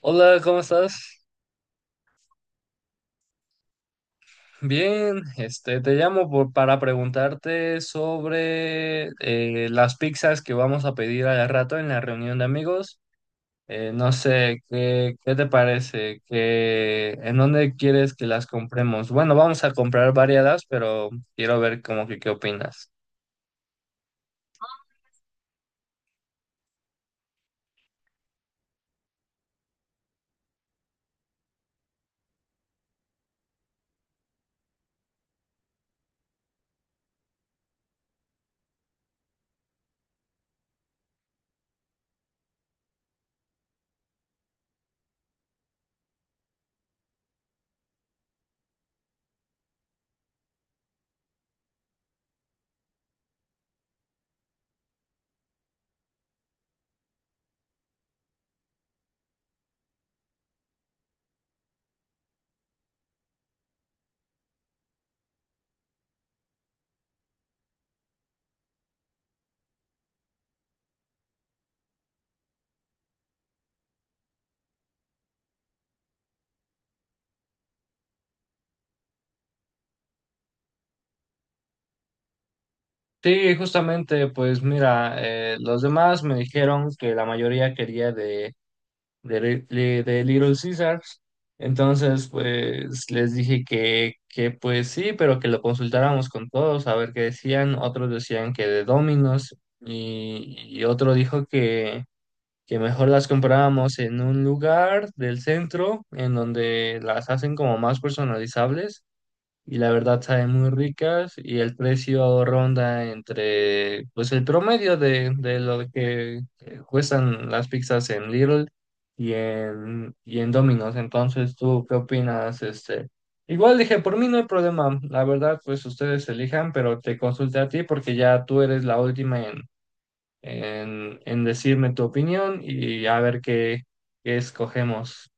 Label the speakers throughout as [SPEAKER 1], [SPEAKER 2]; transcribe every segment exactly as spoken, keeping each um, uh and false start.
[SPEAKER 1] Hola, ¿cómo estás? Bien, este, te llamo por- para preguntarte sobre eh, las pizzas que vamos a pedir al rato en la reunión de amigos. Eh, no sé, ¿qué, qué te parece? ¿Qué, en dónde quieres que las compremos? Bueno, vamos a comprar variadas, pero quiero ver como que qué opinas. Sí, justamente, pues mira, eh, los demás me dijeron que la mayoría quería de de, Li- Li- de Little Caesars. Entonces, pues les dije que, que pues sí, pero que lo consultáramos con todos a ver qué decían. Otros decían que de Domino's y, y otro dijo que, que mejor las comprábamos en un lugar del centro en donde las hacen como más personalizables y la verdad saben muy ricas y el precio ronda entre, pues el promedio de, de lo que eh, cuestan las pizzas en Lidl y en, y en Domino's. Entonces, ¿tú qué opinas? Este, igual dije, por mí no hay problema, la verdad, pues ustedes elijan, pero te consulté a ti porque ya tú eres la última en, en, en decirme tu opinión y a ver qué, qué escogemos.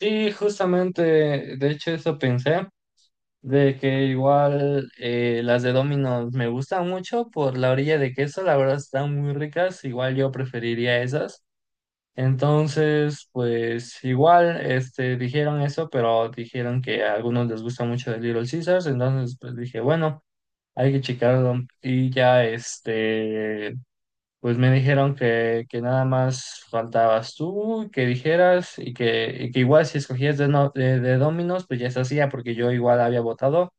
[SPEAKER 1] Sí, justamente, de hecho eso pensé. De que igual eh, las de Domino's me gustan mucho por la orilla de queso, la verdad están muy ricas, igual yo preferiría esas. Entonces, pues igual este, dijeron eso, pero dijeron que a algunos les gusta mucho el Little Caesars, entonces pues dije, bueno, hay que checarlo. Y ya este, pues me dijeron que, que nada más faltabas tú, que dijeras y que, y que igual si escogías de, no- de, de Domino's, pues ya se hacía porque yo igual había votado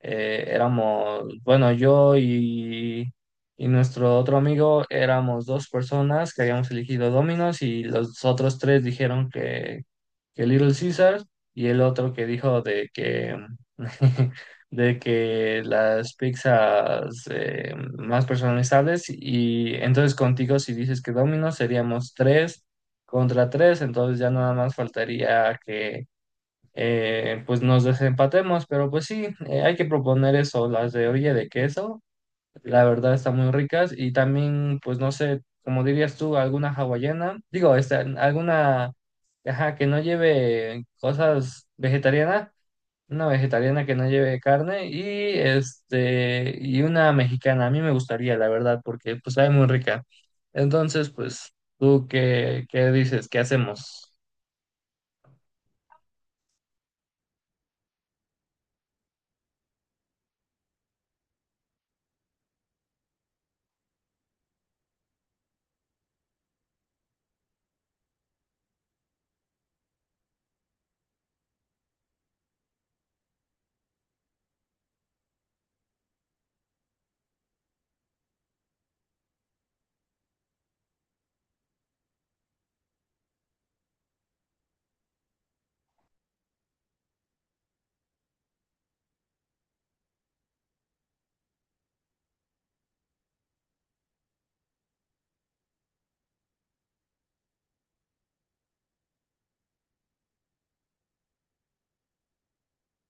[SPEAKER 1] eh, éramos, bueno, yo y, y nuestro otro amigo éramos dos personas que habíamos elegido Domino's y los otros tres dijeron que, que Little Caesar y el otro que dijo de que, de que las pizzas eh, más personalizables y entonces contigo si dices que Domino's seríamos tres contra tres, entonces ya nada más faltaría que eh, pues nos desempatemos, pero pues sí, eh, hay que proponer eso, las de orilla de queso, la verdad están muy ricas y también, pues no sé, como dirías tú, alguna hawaiana, digo, esta, alguna, ajá, que no lleve cosas vegetarianas, una vegetariana que no lleve carne y este, y una mexicana, a mí me gustaría, la verdad, porque pues sabe muy rica. Entonces, pues, ¿tú qué, qué dices? ¿Qué hacemos?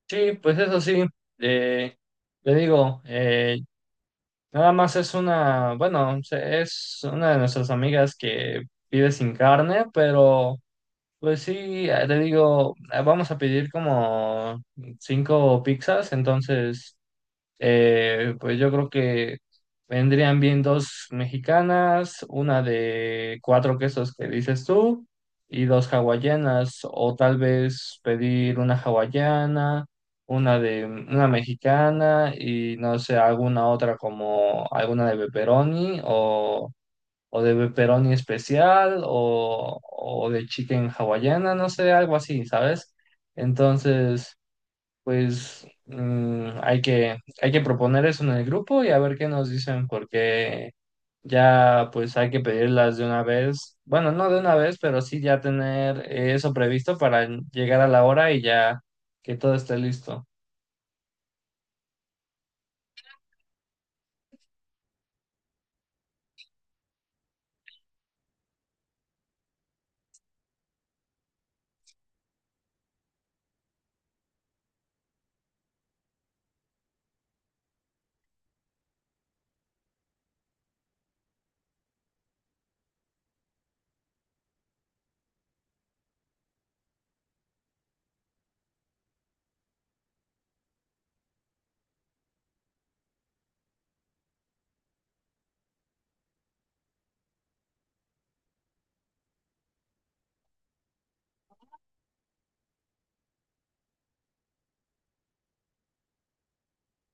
[SPEAKER 1] Sí, pues eso sí, eh, le digo, eh, nada más es una, bueno, se- es una de nuestras amigas que pide sin carne, pero pues sí, eh, le digo, eh, vamos a pedir como cinco pizzas, entonces eh, pues yo creo que vendrían bien dos mexicanas, una de cuatro quesos que dices tú y dos hawaianas, o tal vez pedir una hawaiana, una de una mexicana y no sé, alguna otra como alguna de pepperoni o, o de pepperoni especial o, o de chicken hawaiana, no sé, algo así, ¿sabes? Entonces... Pues mm, hay que, hay que proponer eso en el grupo y a ver qué nos dicen, porque ya pues hay que pedirlas de una vez. Bueno, no de una vez, pero sí ya tener eh, eso previsto para llegar a la hora y ya que todo esté listo.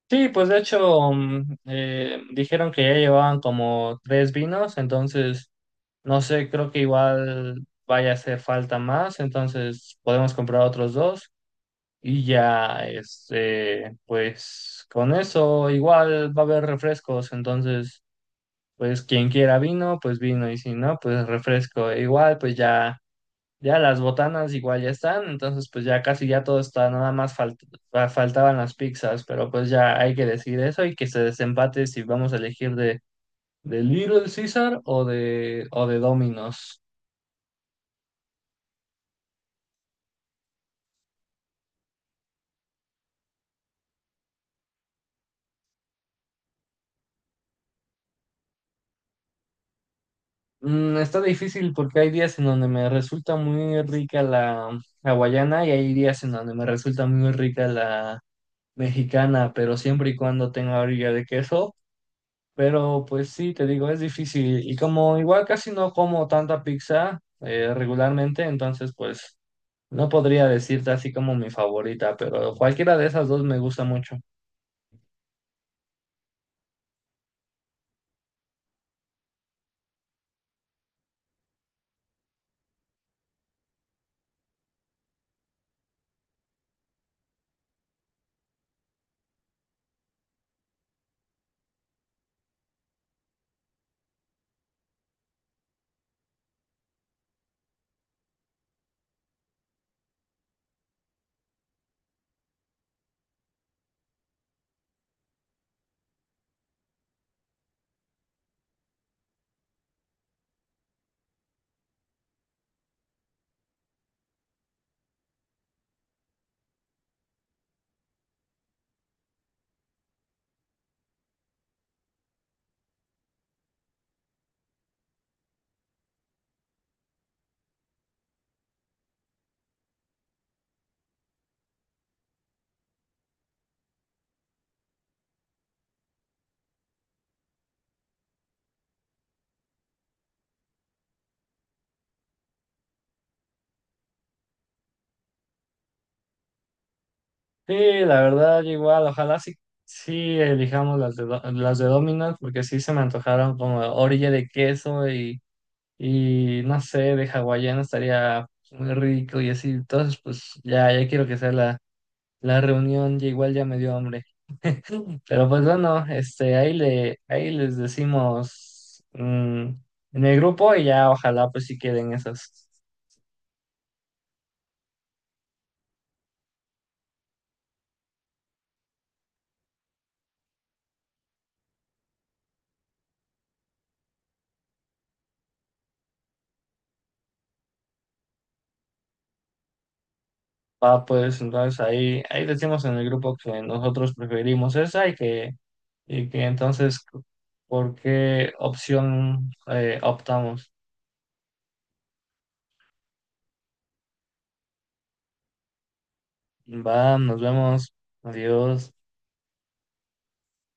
[SPEAKER 1] Sí, pues de hecho mm, eh, dijeron que ya llevaban como tres vinos, entonces no sé, creo que igual vaya a hacer falta más, entonces podemos comprar otros dos. Y ya, este, pues con eso igual va a haber refrescos, entonces, pues quien quiera vino, pues vino, y si no, pues refresco. E igual, pues ya, ya las botanas igual ya están, entonces pues ya casi ya todo está, nada más falt- fa- faltaban las pizzas, pero pues ya hay que decir eso y que se desempate si vamos a elegir de, de Little Caesar o de, o de Domino's. Mm, está difícil porque hay días en donde me resulta muy rica la hawaiana y hay días en donde me resulta muy rica la mexicana, pero siempre y cuando tenga orilla de queso. Pero pues sí, te digo, es difícil. Y como igual casi no como tanta pizza eh, regularmente, entonces pues no podría decirte así como mi favorita, pero cualquiera de esas dos me gusta mucho. Sí, la verdad, yo igual, ojalá sí, sí elijamos las de, Do- las de Domino's, porque sí se me antojaron como orilla de queso y, y no sé, de hawaiano estaría muy rico y así. Entonces, pues ya, ya quiero que sea la, la reunión, ya igual ya me dio hambre. Pero pues bueno, este, ahí le, ahí les decimos mm, en el grupo y ya ojalá pues sí queden esas. Ah, pues entonces ahí, ahí decimos en el grupo que nosotros preferimos esa y que, y que entonces por qué opción eh, optamos. Va, nos vemos. Adiós.